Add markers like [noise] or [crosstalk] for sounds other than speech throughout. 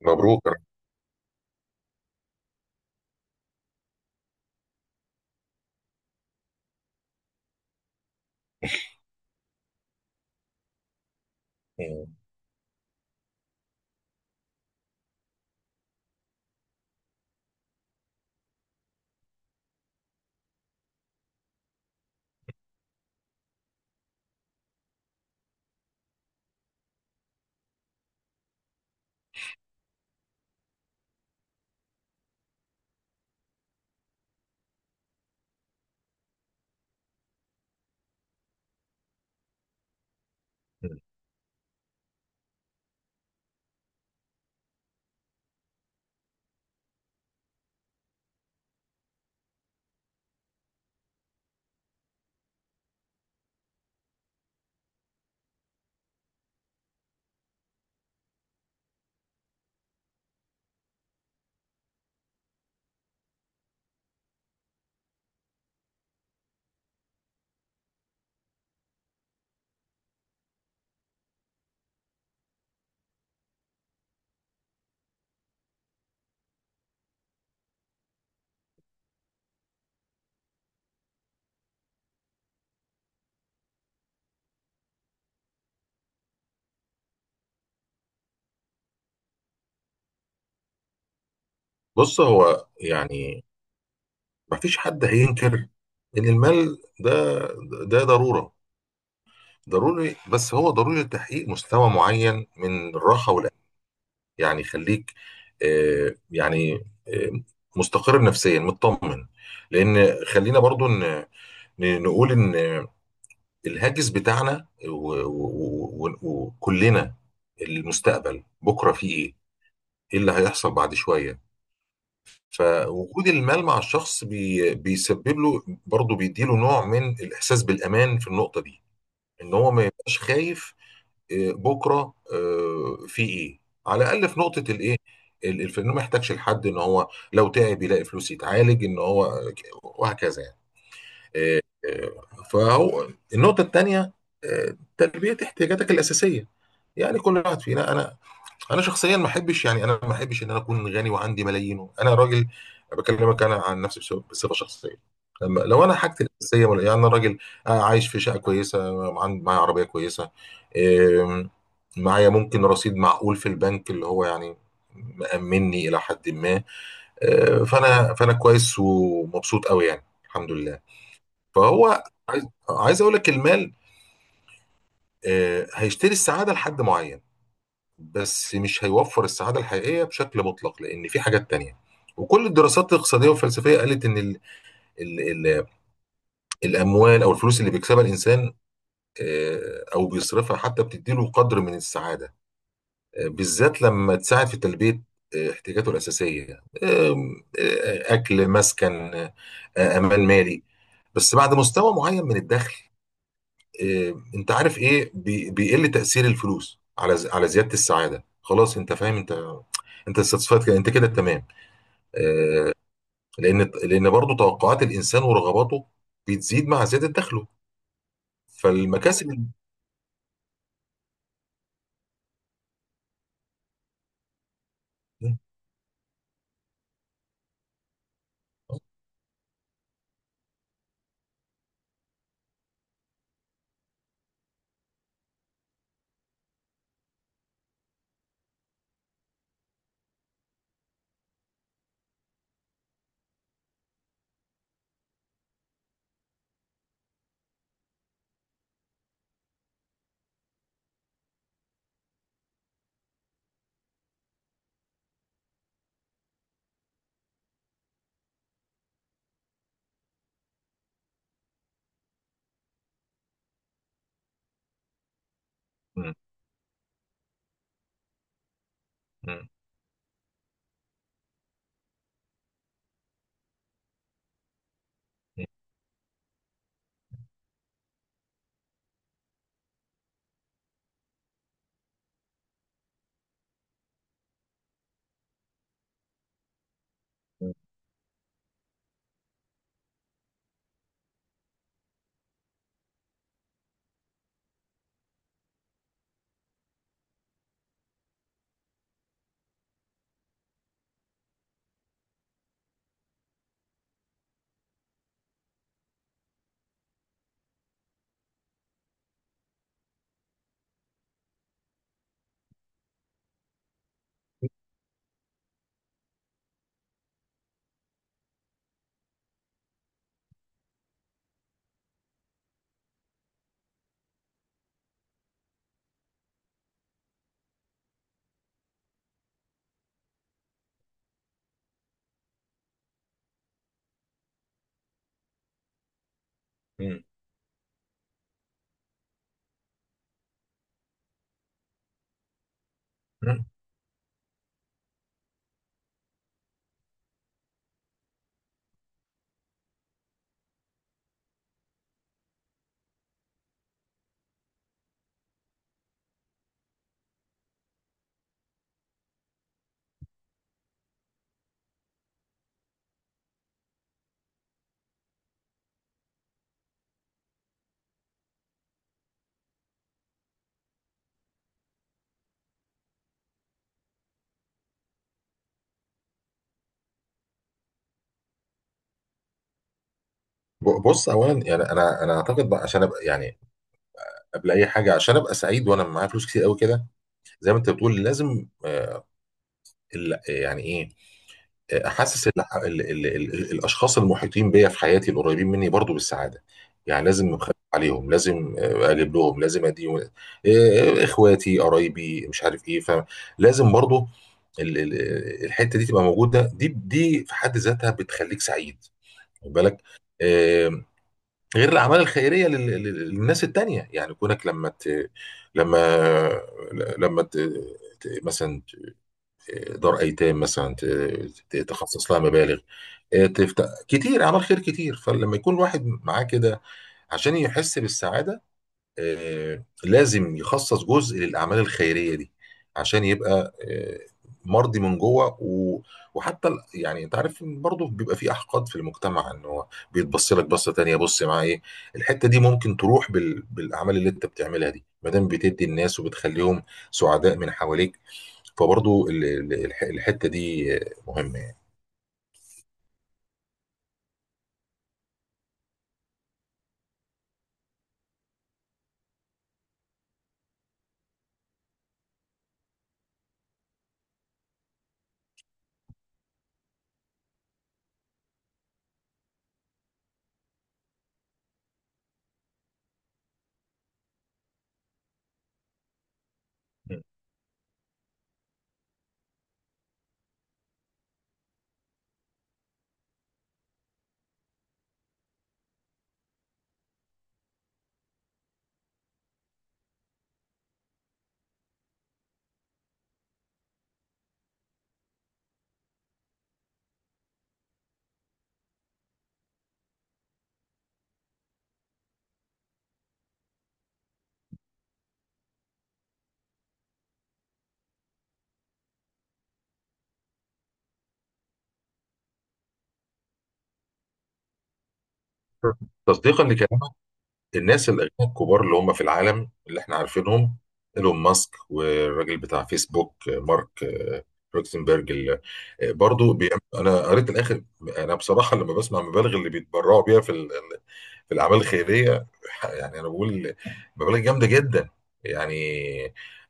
مبروك يا رب. مم. بص، هو يعني مفيش حد هينكر ان المال ده ضروري، بس هو ضروري لتحقيق مستوى معين من الراحه والامان. يعني خليك، يعني، آه، مستقر نفسيا مطمن. لان خلينا برضو نقول ان الهاجس بتاعنا وكلنا المستقبل، بكره فيه ايه؟ ايه اللي هيحصل بعد شويه؟ فوجود المال مع الشخص بيسبب له برضه، بيديله نوع من الإحساس بالأمان في النقطة دي. إن هو ما يبقاش خايف، بكرة في إيه، على الأقل في نقطة الإيه، إنه ما يحتاجش لحد، إن هو لو تعب يلاقي فلوس يتعالج، إن هو وهكذا يعني. آه، فهو النقطة التانية، تلبية احتياجاتك الأساسية. يعني كل واحد فينا، انا شخصيا ما احبش، يعني انا ما احبش ان انا اكون غني وعندي ملايين. انا راجل بكلمك انا عن نفسي بصفه شخصيه. لما لو انا حاجتي الاساسيه، يعني انا راجل، عايش في شقه كويسه، معايا عربيه كويسه، إم، معايا ممكن رصيد معقول في البنك، اللي هو يعني مأمني الى حد ما. فانا كويس ومبسوط قوي، يعني الحمد لله. فهو عايز عايز اقول لك، المال هيشتري السعاده لحد معين، بس مش هيوفر السعادة الحقيقية بشكل مطلق، لأن في حاجات تانية. وكل الدراسات الاقتصادية والفلسفية قالت إن ال ال ال الأموال أو الفلوس اللي بيكسبها الإنسان، أو بيصرفها، حتى بتديله قدر من السعادة، بالذات لما تساعد في تلبية احتياجاته الأساسية، أكل، مسكن، أمان مالي. بس بعد مستوى معين من الدخل، إيه، انت عارف ايه، بيقل تأثير الفلوس على زيادة السعادة. خلاص، انت فاهم. انت satisfied كده، انت كده تمام. آه، لان برضه توقعات الانسان ورغباته بتزيد مع زيادة دخله. فالمكاسب. مم. مم. مم. مم. مم. بص، اولا يعني انا اعتقد بقى، عشان ابقى، يعني قبل اي حاجه عشان ابقى سعيد وانا معايا فلوس كتير قوي كده، زي ما انت بتقول، لازم يعني ايه، حاسس ان ال ال ال الاشخاص المحيطين بيا في حياتي القريبين مني برضو بالسعاده. يعني لازم اخاف عليهم، لازم اجيب لهم، لازم اديهم، اخواتي قرايبي مش عارف ايه. فلازم برضو الحته دي تبقى موجوده، دي في حد ذاتها بتخليك سعيد، خد بالك. آه، غير الاعمال الخيريه للناس التانيه، يعني كونك لما ت... لما لما ت... ت- مثلا دار ايتام، مثلا تخصص لها مبالغ، تفتح كتير اعمال خير كتير. فلما يكون واحد معاه كده، عشان يحس بالسعاده، لازم يخصص جزء للأعمال الخيرية دي، عشان يبقى مرضي من جوه، وحتى يعني، انت عارف إن برضه بيبقى في احقاد في المجتمع، ان هو بيتبص لك بصه تانية، بص معاه ايه. الحته دي ممكن تروح بالاعمال اللي انت بتعملها دي، ما دام بتدي الناس وبتخليهم سعداء من حواليك. فبرضه الحته دي مهمه يعني. تصديقا لكلامك، الناس الاغنياء الكبار اللي هم في العالم اللي احنا عارفينهم، ايلون ماسك، والراجل بتاع فيسبوك مارك روكسنبرج، برضو انا قريت الاخر. انا بصراحه لما بسمع مبالغ اللي بيتبرعوا بيها في الاعمال الخيريه، يعني انا بقول مبالغ جامده جدا، يعني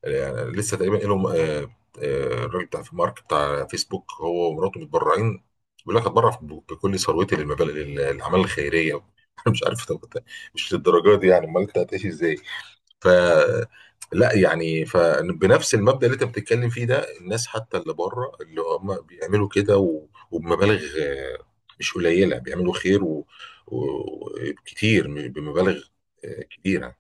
يعني لسه تقريبا لهم، الراجل بتاع مارك بتاع فيسبوك، هو ومراته متبرعين، بيقول لك هتبرع بكل ثروتي للاعمال الخيريه. [laughs] انا مش عارف. طب مش للدرجه دي يعني، امال انت هتعيش ازاي؟ ف لا، يعني فبنفس المبدأ اللي انت بتتكلم فيه ده، الناس حتى اللي بره اللي هم بيعملوا كده، وبمبالغ مش قليلة، بيعملوا خير وكتير بمبالغ كبيرة.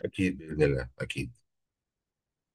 أكيد بإذن الله، أكيد.